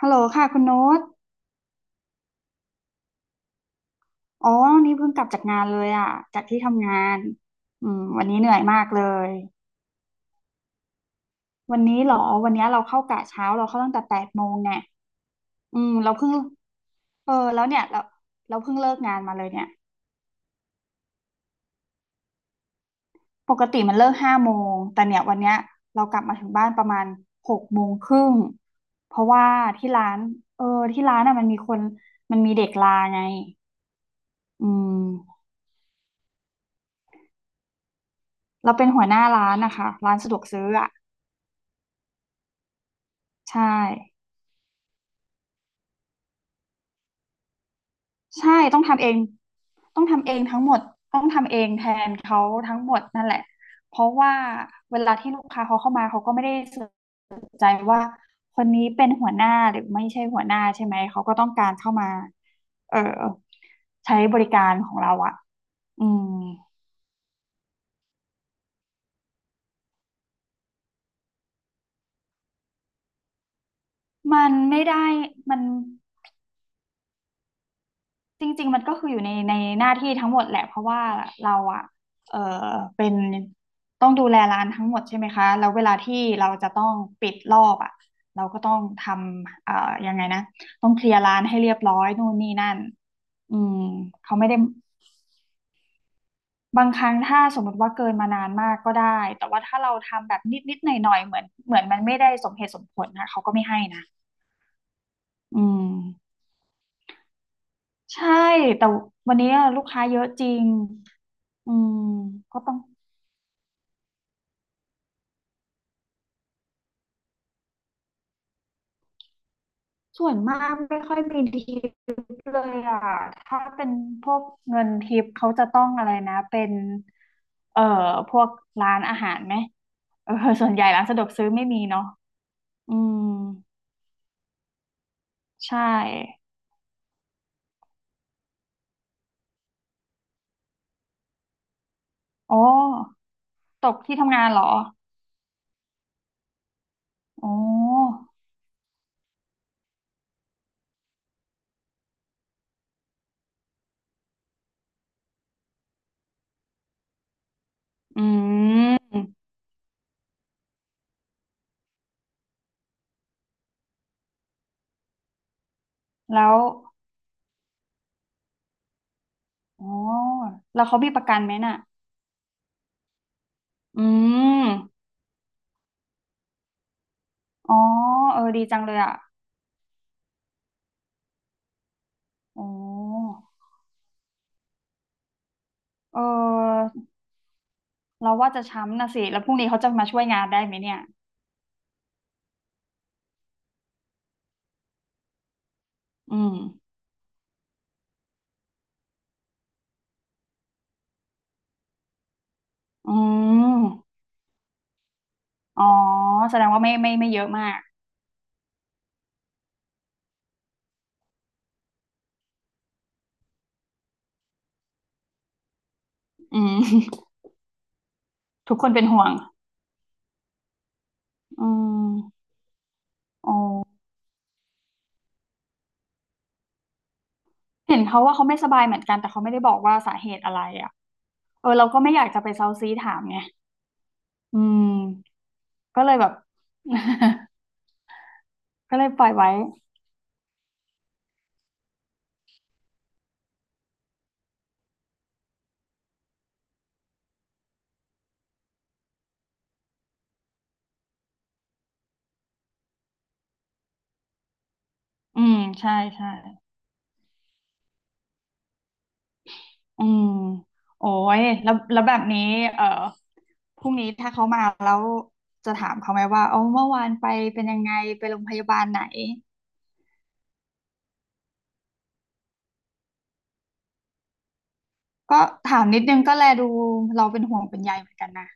ฮัลโหลค่ะคุณโน้ตอ๋อวันนี้เพิ่งกลับจากงานเลยอ่ะจากที่ทำงาน อืม วันนี้เหนื่อยมากเลย วันนี้เหรอวันนี้เราเข้ากะเช้าเราเข้าตั้งแต่แปดโมงเนี่ยอืมเราเพิ่งเออแล้วเนี่ยเราเพิ่งเลิกงานมาเลยเนี่ย ปกติมันเลิกห้าโมงแต่เนี่ยวันเนี้ยเรากลับมาถึงบ้านประมาณหกโมงครึ่งเพราะว่าที่ร้าน เออที่ร้านอ่ะมันมีเด็กลาไงอืมเราเป็นหัวหน้าร้านนะคะร้านสะดวกซื้ออ่ะใช่ ใช่ต้องทำเองต้องทำเองทั้งหมดต้องทำเองแทนเขาทั้งหมดนั่นแหละเพราะว่าเวลาที่ลูกค้าเขาเข้ามาเขาก็ไม่ได้สนใจว่าคนนี้เป็นหัวหน้าหรือไม่ใช่หัวหน้าใช่ไหมเขาก็ต้องการเข้ามาเออใช้บริการของเราอะอืมมันไม่ได้มัน จริงๆมันก็คืออยู่ในในหน้าที่ทั้งหมดแหละเพราะว่าเราอะเออเป็นต้องดูแลร้านทั้งหมดใช่ไหมคะแล้วเวลาที่เราจะต้องปิดรอบอะเราก็ต้องทำยังไงนะต้องเคลียร์ร้านให้เรียบร้อยนู่นนี่นั่นอืมเขาไม่ได้บางครั้งถ้าสมมติว่าเกินมานานมากก็ได้แต่ว่าถ้าเราทำแบบนิดๆหน่อยๆเหมือนมันไม่ได้สมเหตุสมผลนะเขาก็ไม่ให้นะอืมใช่แต่วันนี้ลูกค้าเยอะจริงอืมก็ต้อง ส่วนมากไม่ค่อยมีทิปเลยอ่ะถ้าเป็นพวกเงินทิปเขาจะต้องอะไรนะ เป็น เอ่อ พวกร้านอาหารไหมเออส่วนใหญ่ร้านสะดวกซื้อไม่มีเนาะอืมใช่โอ้ตกที่ทำงานเหรอโอ้อืมแล้วโอ้แล้วเขามีประกันไหมน่ะ อืมอ๋อเออดีจังเลยอ่ะโอ้เออ เราว่าจะช้ำนะสิแล้วพรุ่งนี้เขาจะมาช่วยงานได้ไหมเนี่ยอืมอืมอ๋อแสดงว่าไม่ไม่ไม่เยอะมากอืม ทุกคนเป็นห่วงอืมอ๋อเห็นเขาว่าเขาไม่สบายเหมือนกันแต่เขาไม่ได้บอกว่าสาเหตุอะไรอ่ะเออเราก็ไม่อยากจะไปเซาซีถามไงอืมก็เลยแบบ ก็เลยปล่อยไว้อืมใช่ใช่ อืมโอ้ยแล้วแล้วแบบนี้เออพรุ่งนี้ถ้าเขามาแล้วจะถามเขาไหมว่าเอาเมื่อวานไปเป็นยังไงไปโรงพยาบาลไหนก็ถามนิดนึงก็แลดูเราเป็นห่วงเป็นใยเหมือนกันนะ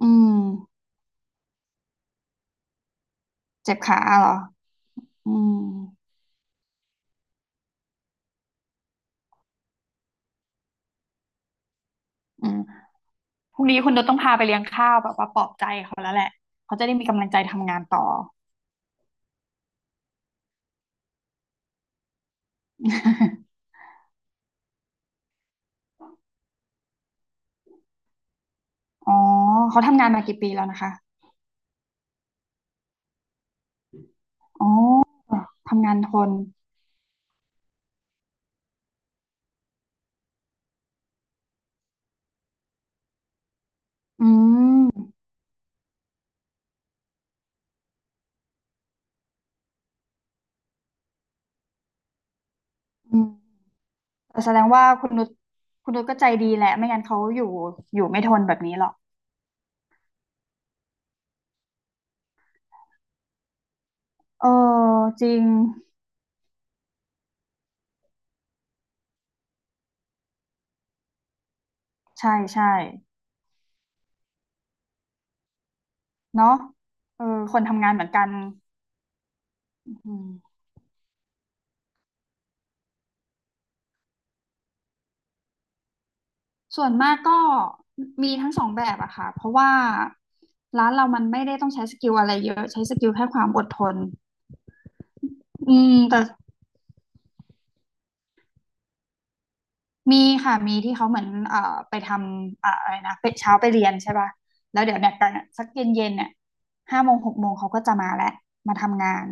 อืมเจ็บขาเหรออืมอืมพรุ่งนี้คุณจะต้องพาไปเลี้ยงข้าวแบบว่าปลอบใจเขาแล้วแหละเขาจะได้มีกำลังใจทำงานต่อ อ๋อเขาทำงานมากี่ปีแล้วนะคะอ๋อทำงานทนอืมอืม แสดงว่าคุณนุชคุณนุชก็ใจดีแหละไม่งั้นเขาอยู่อยู่ไม่ทนแบบนี้หรอกเออจริงใช่ใช่เนาะเออคนทำงานเหมือนกันอืมส่วนมากก็มีทั้งสองแบบอะค่ะเพราะว่าร้านเรามันไม่ได้ต้องใช้สกิลอะไรเยอะใช้สกิลแค่ความอดทนอืมแต่มีค่ะมีที่เขาเหมือนไปทำอะอะไรนะไปเช้าไปเรียนใช่ป่ะแล้วเดี๋ยวเนี่ยตอนสักเย็นเย็นเนี่ยห้าโมงหกโมงเขาก็จะมาแล้วมาทำงาน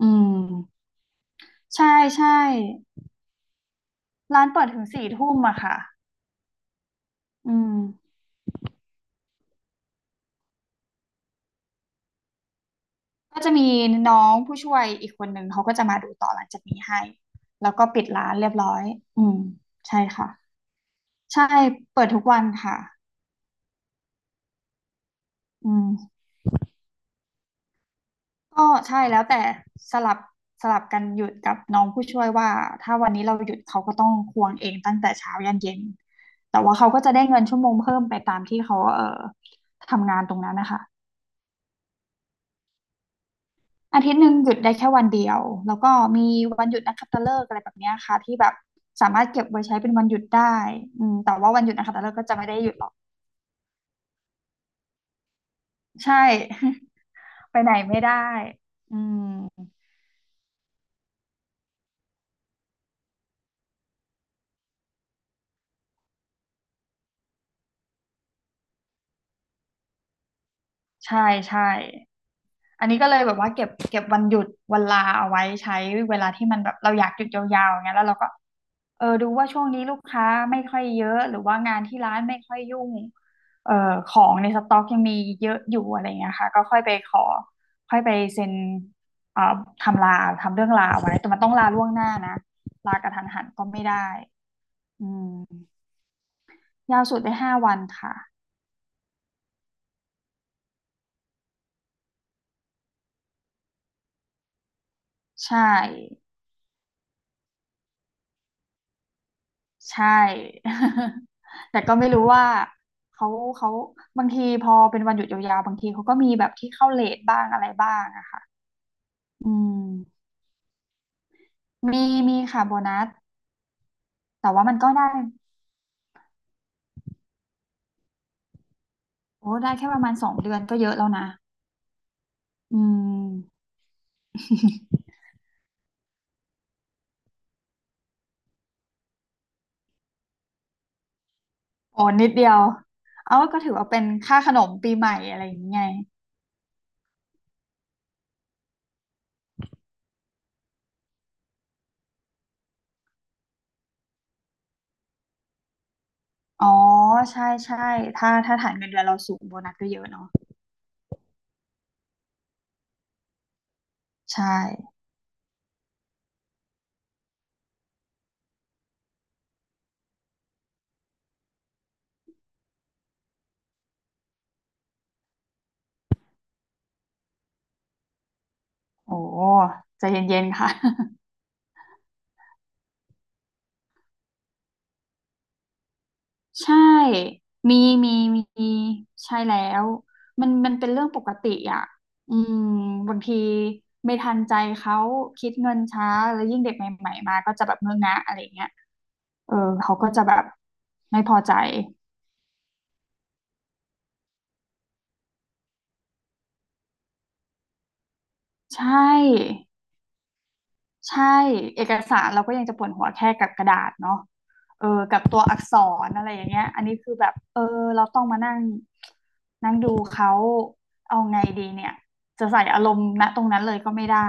อืมใช่ใช่ร้านเปิดถึงสี่ทุ่มอะค่ะอืมก็จะมีน้องผู้ช่วยอีกคนหนึ่งเขาก็จะมาดูต่อหลังจากนี้ให้แล้วก็ปิดร้านเรียบร้อยอืมใช่ค่ะใช่เปิดทุกวันค่ะอืมก็ใช่แล้วแต่สลับสลับกันหยุดกับน้องผู้ช่วยว่าถ้าวันนี้เราหยุดเขาก็ต้องควงเองตั้งแต่เช้ายันเย็นแต่ว่าเขาก็จะได้เงินชั่วโมงเพิ่มไปตามที่เขาทำงานตรงนั้นนะคะ อาทิตย์หนึ่งหยุดได้แค่วันเดียวแล้วก็มีวันหยุดนักขัตฤกษ์อะไรแบบเนี้ยค่ะที่แบบสามารถเก็บไว้ใช้เป็นวันหยุดได้อืมแต่ว่าวันหยุดนักขัตฤกษ์ก็จะไม่ได้หยุดหรอกใช่ ไปไหนไม่ได้อืมใช่ใช่อันนี้ก็เลยแบบว่าเก็บวันหยุดวันลาเอาไว้ใช้เวลาที่มันแบบเราอยากหยุดยาวๆอย่างเงี้ยแล้วเราก็ เออดูว่าช่วงนี้ลูกค้าไม่ค่อยเยอะหรือว่างานที่ร้านไม่ค่อยยุ่งเอ่อของในสต็อกยังมีเยอะอยู่อะไรเงี้ยค่ะก็ค่อยไปขอค่อยไปเซ็นเอ่อทำลาทำเรื่องลาไว้แต่มันต้องลาล่วงหน้านะลากระทันหันก็ไม่ได้อืมยาวสุดได้5 วันค่ะใช่ใช่ แต่ก็ไม่รู้ว่าเขาเขาบางทีพอเป็นวันหยุดยาวๆบางทีเขาก็มีแบบที่เข้าเลทบ้างอะไรบ้างอะค่ะอืม มีค่ะโบนัสแต่ว่ามันก็ได้โอ้ได้แค่ประมาณ2 เดือนก็เยอะแล้วนะอืมโอ้นิดเดียวเอาก็ถือว่าเป็นค่าขนมปีใหม่อะไรอย่างเงี้ยอ๋อใช่ใช่ถ้าถ้าฐานเงินเดือนเราสูงโบนัสก็เยอะเนาะใช่โอ้ใจเย็นๆค่ะ ใช่มีมีมีใช่แล้วมันมันเป็นเรื่องปกติอ่ะอืมบางทีไม่ทันใจเขาคิดเงินช้าแล้วยิ่งเด็กใหม่ๆมาก็จะแบบเงอะงะอะไรเงี้ย เออเขาก็จะแบบไม่พอใจใช่ใช่เอกสารเราก็ยังจะปวดหัวแค่กับกระดาษเนาะเออกับตัวอักษรอะไรอย่างเงี้ยอันนี้คือแบบเออเราต้องมานั่งนั่งดูเขาเอาไงดีเนี่ยจะใส่อารมณ์ณตรงนั้นเลยก็ไม่ได้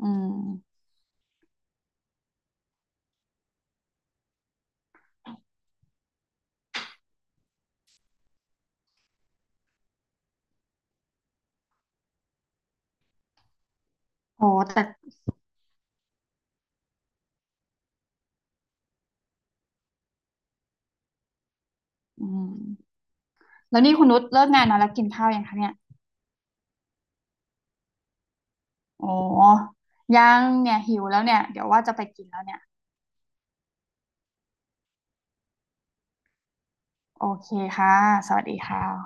อืมโหแต่อืมแล้วนี่คุณนุชเลิกงานนอนแล้วกินข้าวยังคะเนี่ยโอ้ยังเนี่ยหิวแล้วเนี่ยเดี๋ยวว่าจะไปกินแล้วเนี่ยโอเคค่ะสวัสดีค่ะ